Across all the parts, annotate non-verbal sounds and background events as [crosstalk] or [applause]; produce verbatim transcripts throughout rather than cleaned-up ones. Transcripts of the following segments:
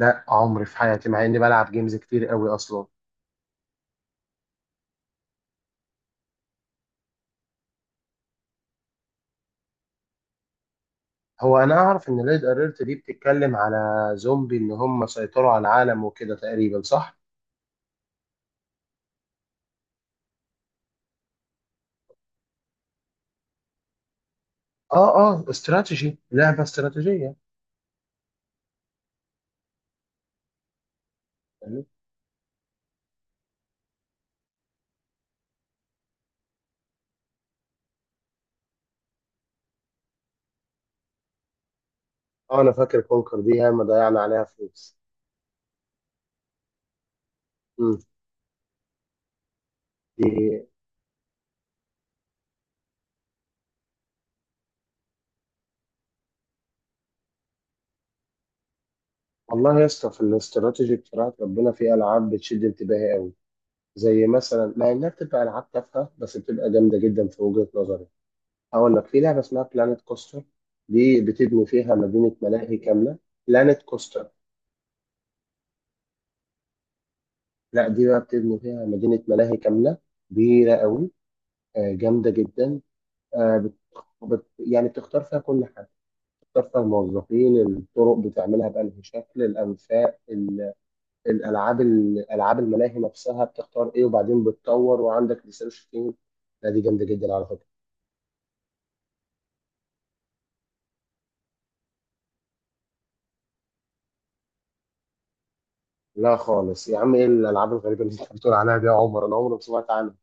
لا، عمري في حياتي، مع اني بلعب جيمز كتير قوي اصلا. هو انا اعرف ان ريد اليرت دي بتتكلم على زومبي، ان هم سيطروا على العالم وكده تقريبا، صح؟ اه اه، استراتيجي، لعبه استراتيجيه يعني. اه، انا فاكر كونكر دي، ياما ضيعنا عليها فلوس. امم دي. والله يا اسطى، في الاستراتيجي بصراحه ربنا، في العاب بتشد انتباهي، زي مثلا، مع انها بتبقى العاب تافهه بس بتبقى جامده جدا في وجهه نظري. هقول لك، في لعبه اسمها بلانيت كوستر، دي بتبني فيها مدينه ملاهي كامله. بلانيت كوستر. لا، دي بقى بتبني فيها مدينة ملاهي كاملة، كبيرة قوي. آه، جامدة جدا. آه، بت... بت... يعني بتختار فيها كل حاجة. بتختار فيها الموظفين، الطرق بتعملها بأنهي شكل، الأنفاق ال... الألعاب ال- ألعاب الملاهي نفسها بتختار إيه، وبعدين بتطور وعندك ريسيرش تيم. لا، دي جامدة جدا على فكرة. لا خالص يا عم، إيه الألعاب الغريبة اللي أنت بتقول عليها دي يا عمر؟ أنا عمري ما سمعت عنها.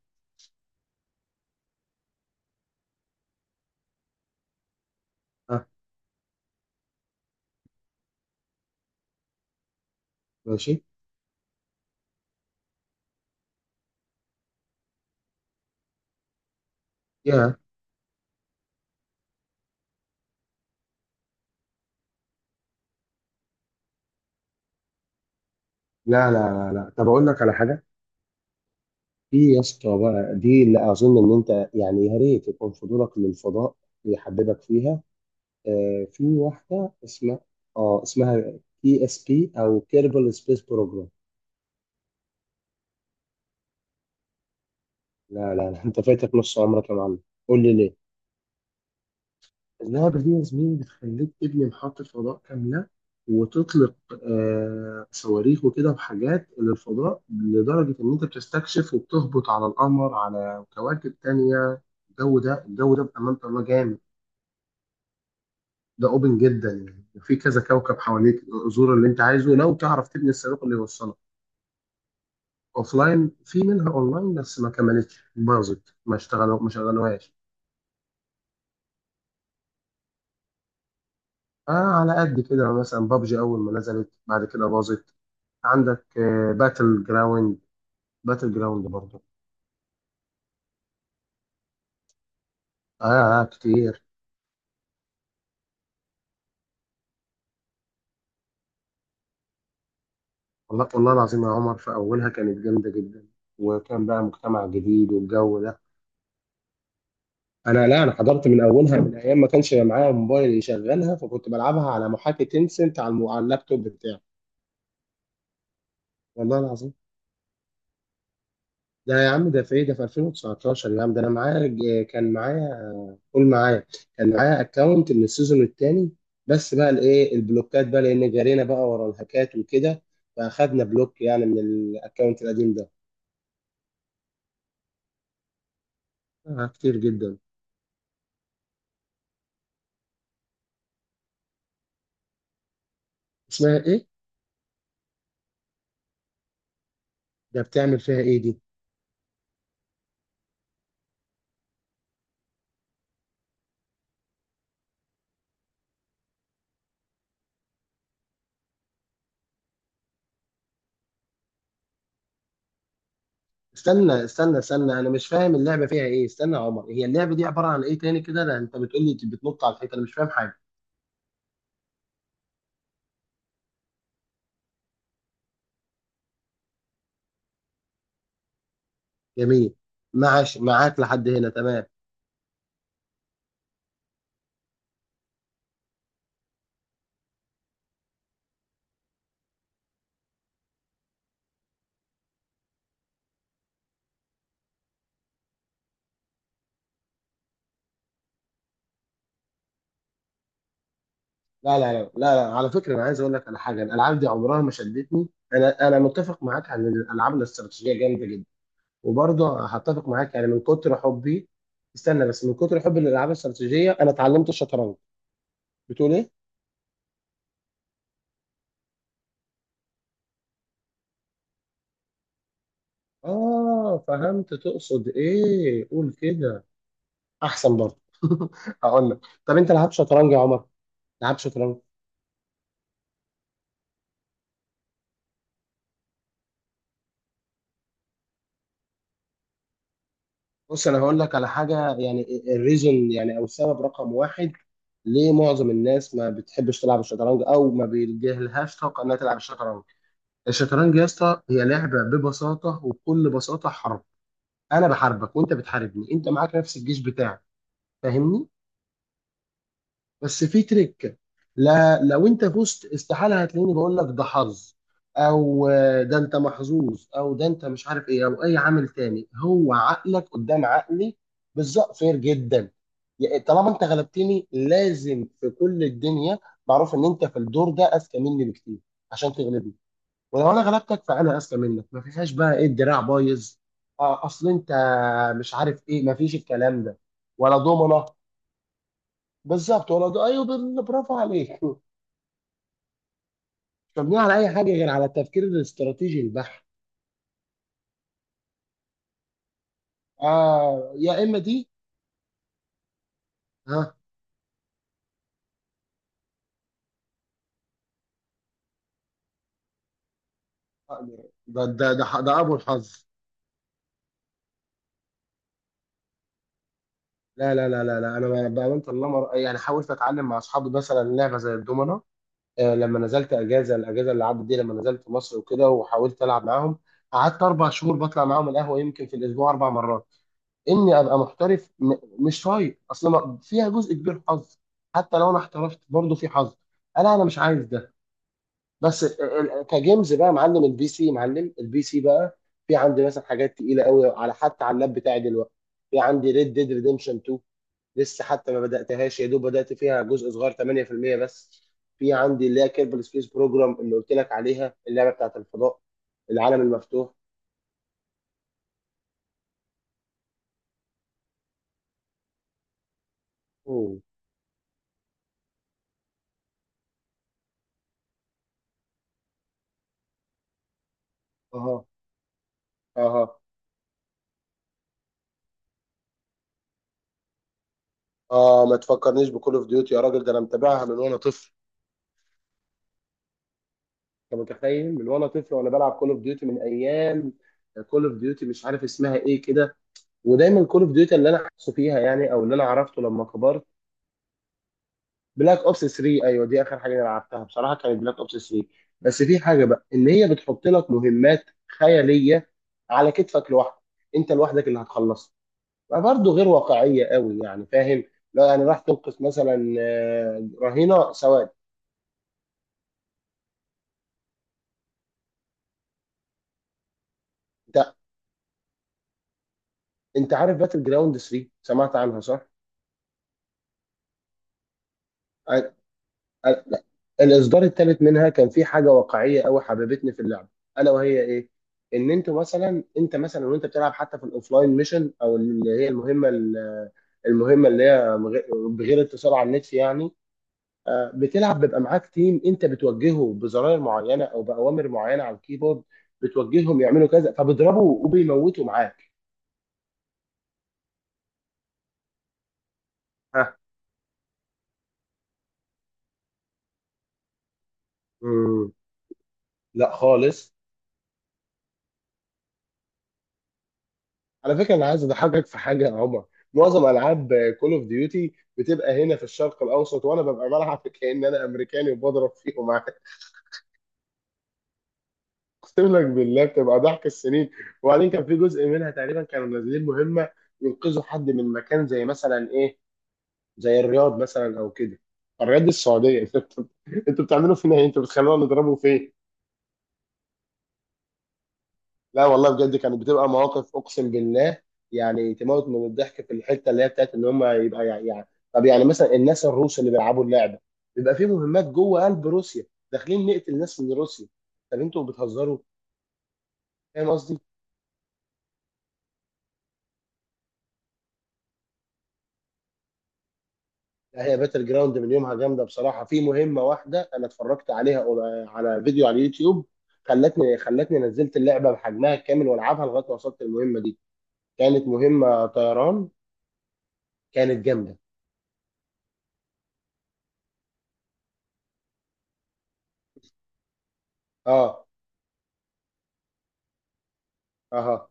آه، ماشي يا. لا لا لا لا، طب أقول لك على حاجة. في يا اسطى بقى دي، اللي اظن ان انت يعني يا ريت يكون فضولك للفضاء يحببك فيها. آه، في واحده اسمها، اه اسمها بي اس بي او كيربل سبيس بروجرام. لا لا لا، انت فايتك نص عمرك يا معلم. قول لي ليه. اللعبه دي يا زميلي بتخليك تبني محطه فضاء كامله، وتطلق آه صواريخ وكده وحاجات للفضاء، لدرجه ان انت بتستكشف وبتهبط على القمر، على كواكب تانيه. الجو ده، الجو ده، بامانه الله جامد. ده اوبن جدا يعني، وفي كذا كوكب حواليك، زور اللي انت عايزه لو تعرف تبني الصاروخ اللي يوصلك. لاين، في منها اونلاين بس ما كملتش، باظت، ما اشتغلوا، ما شغلوهاش. آه. على قد كده مثلا، بابجي اول ما نزلت، بعد كده باظت. عندك آه باتل جراوند، باتل جراوند برضه. آه, اه كتير. والله والله العظيم يا عمر، في اولها كانت جامده جدا، وكان بقى مجتمع جديد والجو ده. انا لا، انا حضرت من اولها من ايام ما كانش معايا موبايل يشغلها، فكنت بلعبها على محاكي تينسنت، على الم- على اللابتوب بتاعي. والله العظيم. ده يا عم، ده في ايه، ده في الفين وتسعتاشر يا عم. ده انا معايا ج- كان معايا. قول. معايا، كان معايا اكونت من السيزون الثاني. بس بقى الايه، البلوكات بقى، لان جرينا بقى ورا الهاكات وكده، فاخدنا بلوك يعني من الاكونت القديم ده. آه كتير جدا. اسمها ايه؟ ده بتعمل فيها ايه دي؟ استنى استنى استنى، انا مش فاهم اللعبه فيها ايه، استنى يا عمر، هي اللعبه دي عباره عن ايه تاني كده؟ لا انت بتقول لي بتنط على الحيطه، انا مش فاهم حاجه. جميل. ماشي معاك لحد هنا، تمام. لا لا لا لا، لا. على فكره، انا عايز اقول لك على حاجه، الالعاب دي عمرها ما شدتني. انا انا متفق معاك، عن الالعاب الاستراتيجيه جامده جدا، وبرضه هتفق معاك يعني، من كتر حبي. استنى بس، من كتر حبي للالعاب الاستراتيجيه انا اتعلمت الشطرنج. بتقول ايه؟ اه، فهمت تقصد ايه، قول كده. احسن برضه. [laughs] هقول لك. طب انت لعبت شطرنج يا عمر؟ لعبت شطرنج؟ بص، انا هقول لك على حاجه يعني، الريزون يعني، او السبب رقم واحد، ليه معظم الناس ما بتحبش تلعب الشطرنج، او ما بيجيلهاش طاقه انها تلعب الشطرنج. الشطرنج يا اسطى هي لعبه، ببساطه وبكل بساطه، حرب. انا بحاربك وانت بتحاربني، انت معاك نفس الجيش بتاعك. فاهمني؟ بس في تريك. لا، لو انت فزت استحاله هتلاقيني بقول لك ده حظ، او آه، ده انت محظوظ، او ده انت مش عارف ايه، او اي عامل تاني، هو عقلك قدام عقلي. بالظبط، فير جدا. يعني طالما انت غلبتني، لازم في كل الدنيا معروف ان انت في الدور ده اذكى مني بكتير عشان تغلبني. ولو انا غلبتك فانا اذكى منك، ما فيهاش بقى ايه، الدراع بايظ، آه، اصل انت مش عارف ايه، ما فيش الكلام ده. ولا دومنه. بالظبط، ولا ده، ايوه، بال- برافو عليك. [laughs] مش مبنيه على اي حاجه، غير على التفكير الاستراتيجي البحت. اه، يا اما دي. ها. ده ده ده, ده ابو الحظ. لا لا لا لا لا، انا بامانه الله مر... يعني حاولت اتعلم مع اصحابي مثلا لعبه زي الدومنه. آه، لما نزلت اجازه، الاجازه اللي عدت دي، لما نزلت مصر وكده، وحاولت العب معاهم. قعدت اربع شهور بطلع معاهم القهوه، يمكن في الاسبوع اربع مرات، اني ابقى محترف، م- مش شايط، اصل ما- فيها جزء كبير حظ. حتى لو انا احترفت برضه في حظ. انا انا مش عايز ده. بس ال- ال- كجيمز بقى، معلم البي سي، معلم البي سي بقى. في عندي مثلا حاجات تقيله قوي، على حتى على اللاب بتاعي دلوقتي. في عندي ريد ديد ريديمشن تو، لسه حتى ما بداتهاش، يا دوب بدات فيها جزء صغير تمنيه في المية بس. في عندي اللي هي كيربل سبيس بروجرام اللي قلت لك عليها، اللعبه بتاعت الفضاء. العالم المفتوح. اوه. اها. اها. اه، ما تفكرنيش بكول اوف ديوتي يا راجل، ده انا متابعها من وانا طفل. انت متخيل، من وانا طفل وانا بلعب كول اوف ديوتي، من ايام كول اوف ديوتي مش عارف اسمها ايه كده. ودايما كول اوف ديوتي اللي انا حاسه فيها يعني، او اللي انا عرفته لما كبرت، بلاك اوبس ثري. ايوه دي اخر حاجه انا لعبتها بصراحه، كانت بلاك اوبس تلاته. بس في حاجه بقى ان هي بتحط لك مهمات خياليه، على كتفك لوحدك، انت لوحدك اللي هتخلصها، فبرضه غير واقعيه قوي يعني، فاهم. لا يعني راح تنقذ مثلا آه، رهينه سواد. انت عارف باتل جراوند ثري، سمعت عنها صح؟ ع- ع- لا. الاصدار الثالث منها كان في حاجه واقعيه قوي حببتني في اللعبه. الا وهي ايه؟ ان انت مثلا، انت مثلا وانت بتلعب، حتى في الاوفلاين ميشن، او اللي هي المهمه ال- المهمه اللي هي مغ- بغير اتصال على النت يعني. آه، بتلعب، بيبقى معاك تيم انت بتوجهه بزراير معينه او باوامر معينه على الكيبورد. بتوجههم يعملوا كذا، فبيضربوا وبيموتوا معاك. ها. مم. لا خالص. على فكره، انا عايز اضحكك في حاجه يا عمر. معظم العاب كول اوف ديوتي بتبقى هنا في الشرق الاوسط، وانا ببقى بلعب كأن انا امريكاني وبضرب فيهم عادي. [laughs] اقسم لك بالله، بتبقى ضحك السنين. وبعدين كان في جزء منها تقريبا، كانوا منزلين مهمه ينقذوا حد من مكان، زي مثلا ايه؟ زي الرياض مثلا او كده. الرياض دي السعوديه. [laughs] انتوا، انتوا بتعملوا فينا ايه، انتوا بتخلونا نضربه فين؟ لا والله بجد، كانت بتبقى مواقف اقسم بالله. يعني تموت من الضحك في الحته اللي هي بتاعت ان هم يبقى يعني, يعني، طب يعني مثلا الناس الروس اللي بيلعبوا اللعبه، بيبقى في مهمات جوه قلب روسيا، داخلين نقتل ناس من روسيا. طب انتوا بتهزروا. فاهم قصدي؟ لا، هي باتل جراوند من يومها جامده بصراحه، في مهمه واحده انا اتفرجت عليها على فيديو على اليوتيوب، خلتني خلتني نزلت اللعبه بحجمها الكامل والعبها لغايه ما وصلت المهمه دي. كانت مهمه طيران، كانت جامده. اه. اها.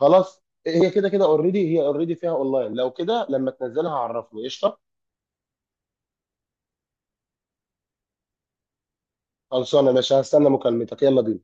خلاص، هي كده كده اوريدي، هي اوريدي فيها اونلاين، لو كده لما تنزلها عرفني، قشطه. خلصانه يا باشا، هستنى مكالمتك، يلا بينا.